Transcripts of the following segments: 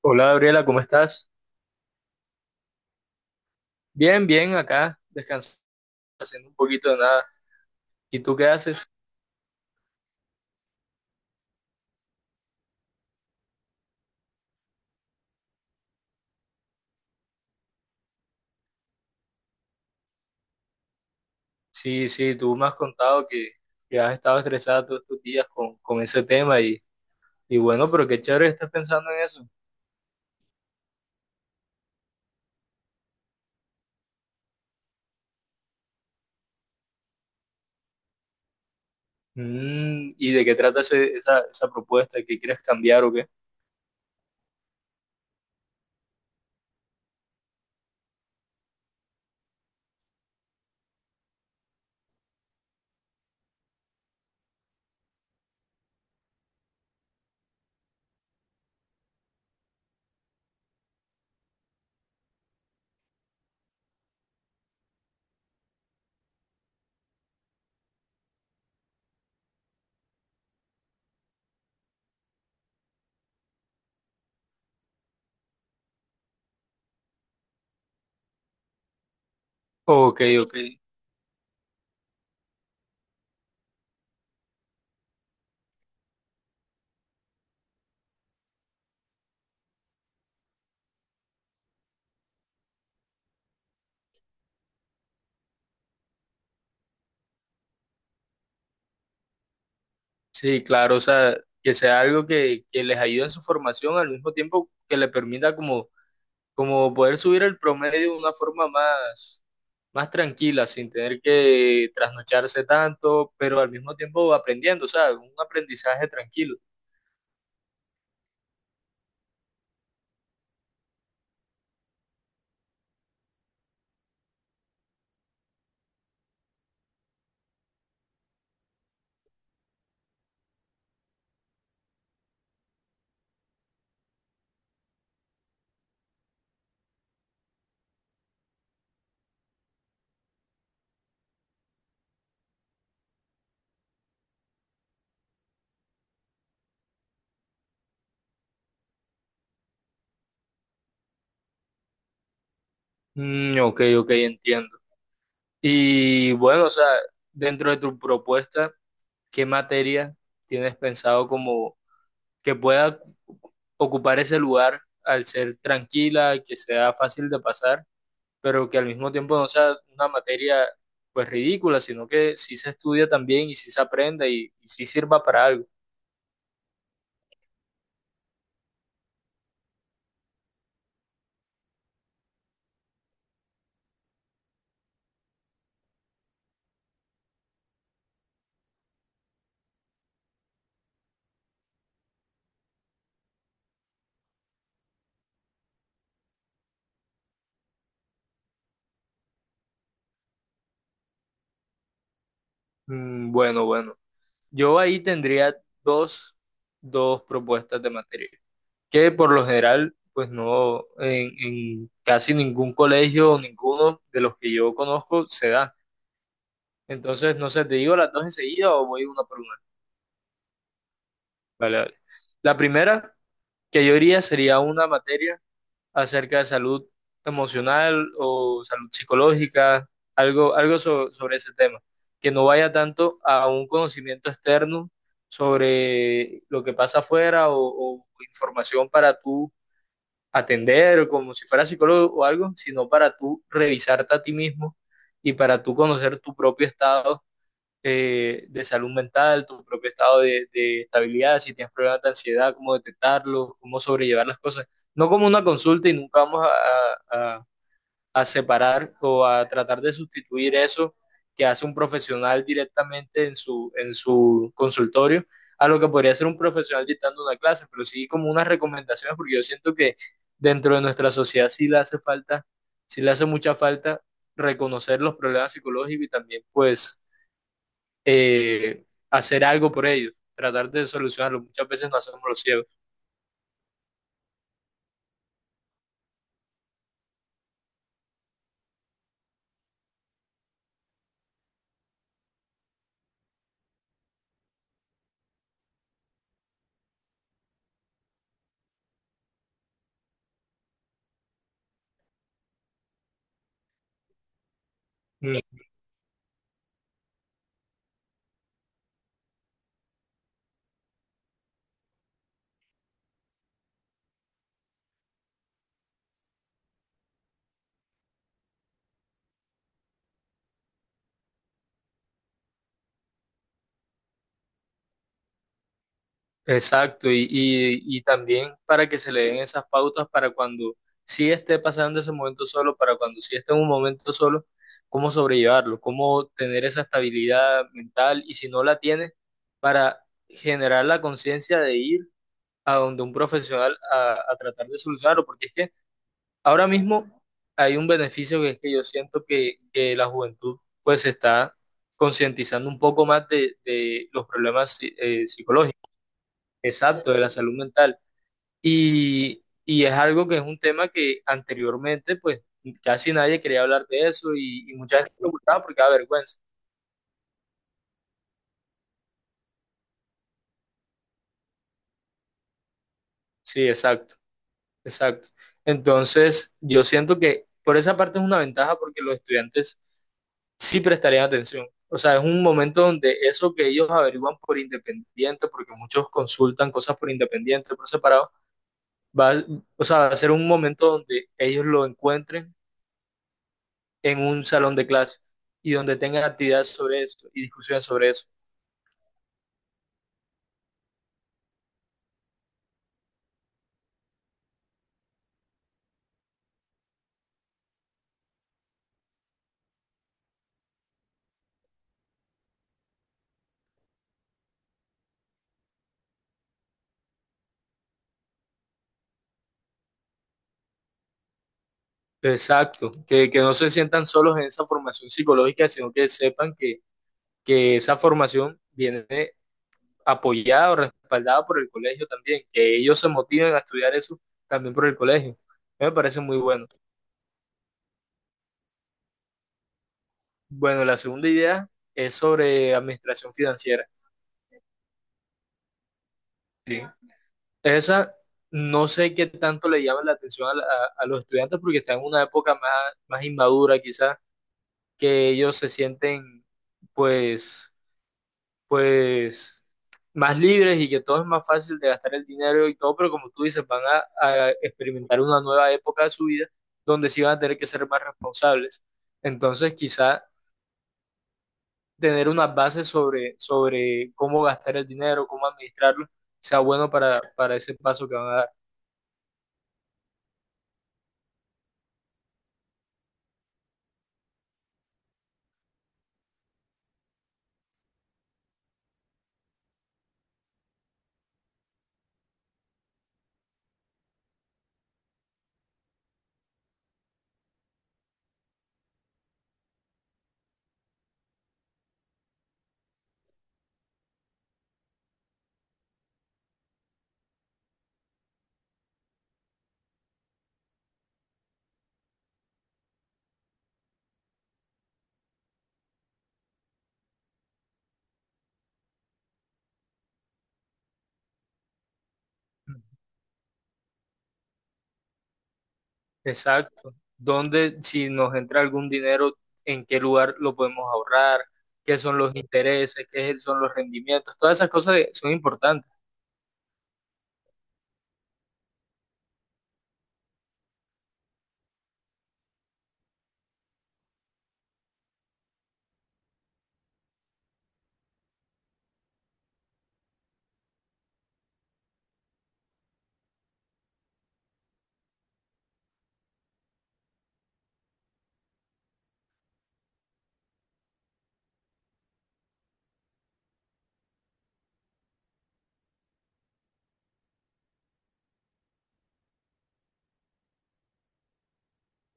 Hola Gabriela, ¿cómo estás? Bien, bien, acá descansando, haciendo un poquito de nada. ¿Y tú qué haces? Sí, sí, tú me has contado que has estado estresada todos estos días con ese tema y bueno, pero qué chévere estás pensando en eso. Mm, ¿y de qué trata esa propuesta? ¿Qué quieres cambiar o qué? Ok, ok. Sí, claro, o sea, que sea algo que les ayude en su formación al mismo tiempo que le permita como como poder subir el promedio de una forma más, más tranquila, sin tener que trasnocharse tanto, pero al mismo tiempo aprendiendo, o sea, un aprendizaje tranquilo. Mm, ok, ok, entiendo. Y bueno, o sea, dentro de tu propuesta, ¿qué materia tienes pensado como que pueda ocupar ese lugar al ser tranquila, que sea fácil de pasar? Pero que al mismo tiempo no sea una materia pues ridícula, sino que sí se estudia también y sí se aprenda y sí sirva para algo. Mm, bueno, bueno. Yo ahí tendría dos, dos propuestas de materia, que por lo general pues no, en casi ningún colegio o ninguno de los que yo conozco se da. Entonces, no sé, ¿te digo las dos enseguida o voy una por una? Vale, vale. La primera que yo iría sería una materia acerca de salud emocional o salud psicológica, algo, sobre ese tema, que no vaya tanto a un conocimiento externo sobre lo que pasa afuera o información para tú atender como si fuera psicólogo o algo, sino para tú revisarte a ti mismo y para tú conocer tu propio estado de salud mental, tu propio estado de estabilidad, si tienes problemas de ansiedad, cómo detectarlo, cómo sobrellevar las cosas. No como una consulta y nunca vamos a, a separar o a tratar de sustituir eso que hace un profesional directamente en su consultorio a lo que podría ser un profesional dictando una clase, pero sí como unas recomendaciones, porque yo siento que dentro de nuestra sociedad sí le hace falta, sí le hace mucha falta reconocer los problemas psicológicos y también pues eh, hacer algo por ellos, tratar de solucionarlo. Muchas veces no hacemos los ciegos. Mm. Exacto, y también para que se le den esas pautas para cuando sí esté pasando ese momento solo, para cuando sí esté en un momento solo, cómo sobrellevarlo, cómo tener esa estabilidad mental y si no la tiene, para generar la conciencia de ir a donde un profesional a tratar de solucionarlo, porque es que ahora mismo hay un beneficio que es que yo siento que la juventud pues se está concientizando un poco más de los problemas psicológicos, exacto, de la salud mental. Y es algo que es un tema que anteriormente pues casi nadie quería hablar de eso y mucha gente lo ocultaba porque da vergüenza. Sí, exacto, exacto. Entonces yo siento que por esa parte es una ventaja porque los estudiantes sí prestarían atención. O sea, es un momento donde eso que ellos averiguan por independiente, porque muchos consultan cosas por independiente, por separado, va, a- o sea, va a ser un momento donde ellos lo encuentren en un salón de clase y donde tengan actividades sobre eso y discusiones sobre eso. Exacto, que no se sientan solos en esa formación psicológica, sino que sepan que esa formación viene apoyada o respaldada por el colegio también, que ellos se motiven a estudiar eso también por el colegio. Me parece muy bueno. Bueno, la segunda idea es sobre administración financiera. Sí. Esa no sé qué tanto le llama la atención a los estudiantes porque están en una época más, más inmadura quizás, que ellos se sienten pues, pues más libres y que todo es más fácil de gastar el dinero y todo, pero como tú dices, van a experimentar una nueva época de su vida donde sí van a tener que ser más responsables. Entonces, quizás tener unas bases sobre, sobre cómo gastar el dinero, cómo administrarlo, sea bueno para ese paso que van a dar. Exacto. ¿Dónde, si nos entra algún dinero, en qué lugar lo podemos ahorrar? ¿Qué son los intereses? ¿Qué son los rendimientos? Todas esas cosas son importantes.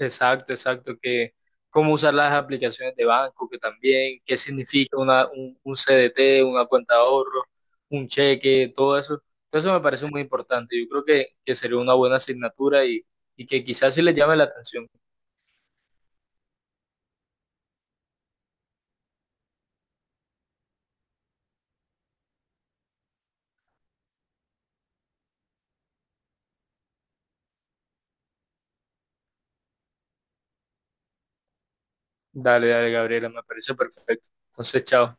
Exacto, exacto, que cómo usar las aplicaciones de banco, que también, qué significa una, un CDT, una cuenta de ahorro, un cheque, todo eso. Todo eso me parece muy importante. Yo creo que sería una buena asignatura y que quizás sí les llame la atención. Dale, dale, Gabriela, me parece perfecto. Entonces, chao.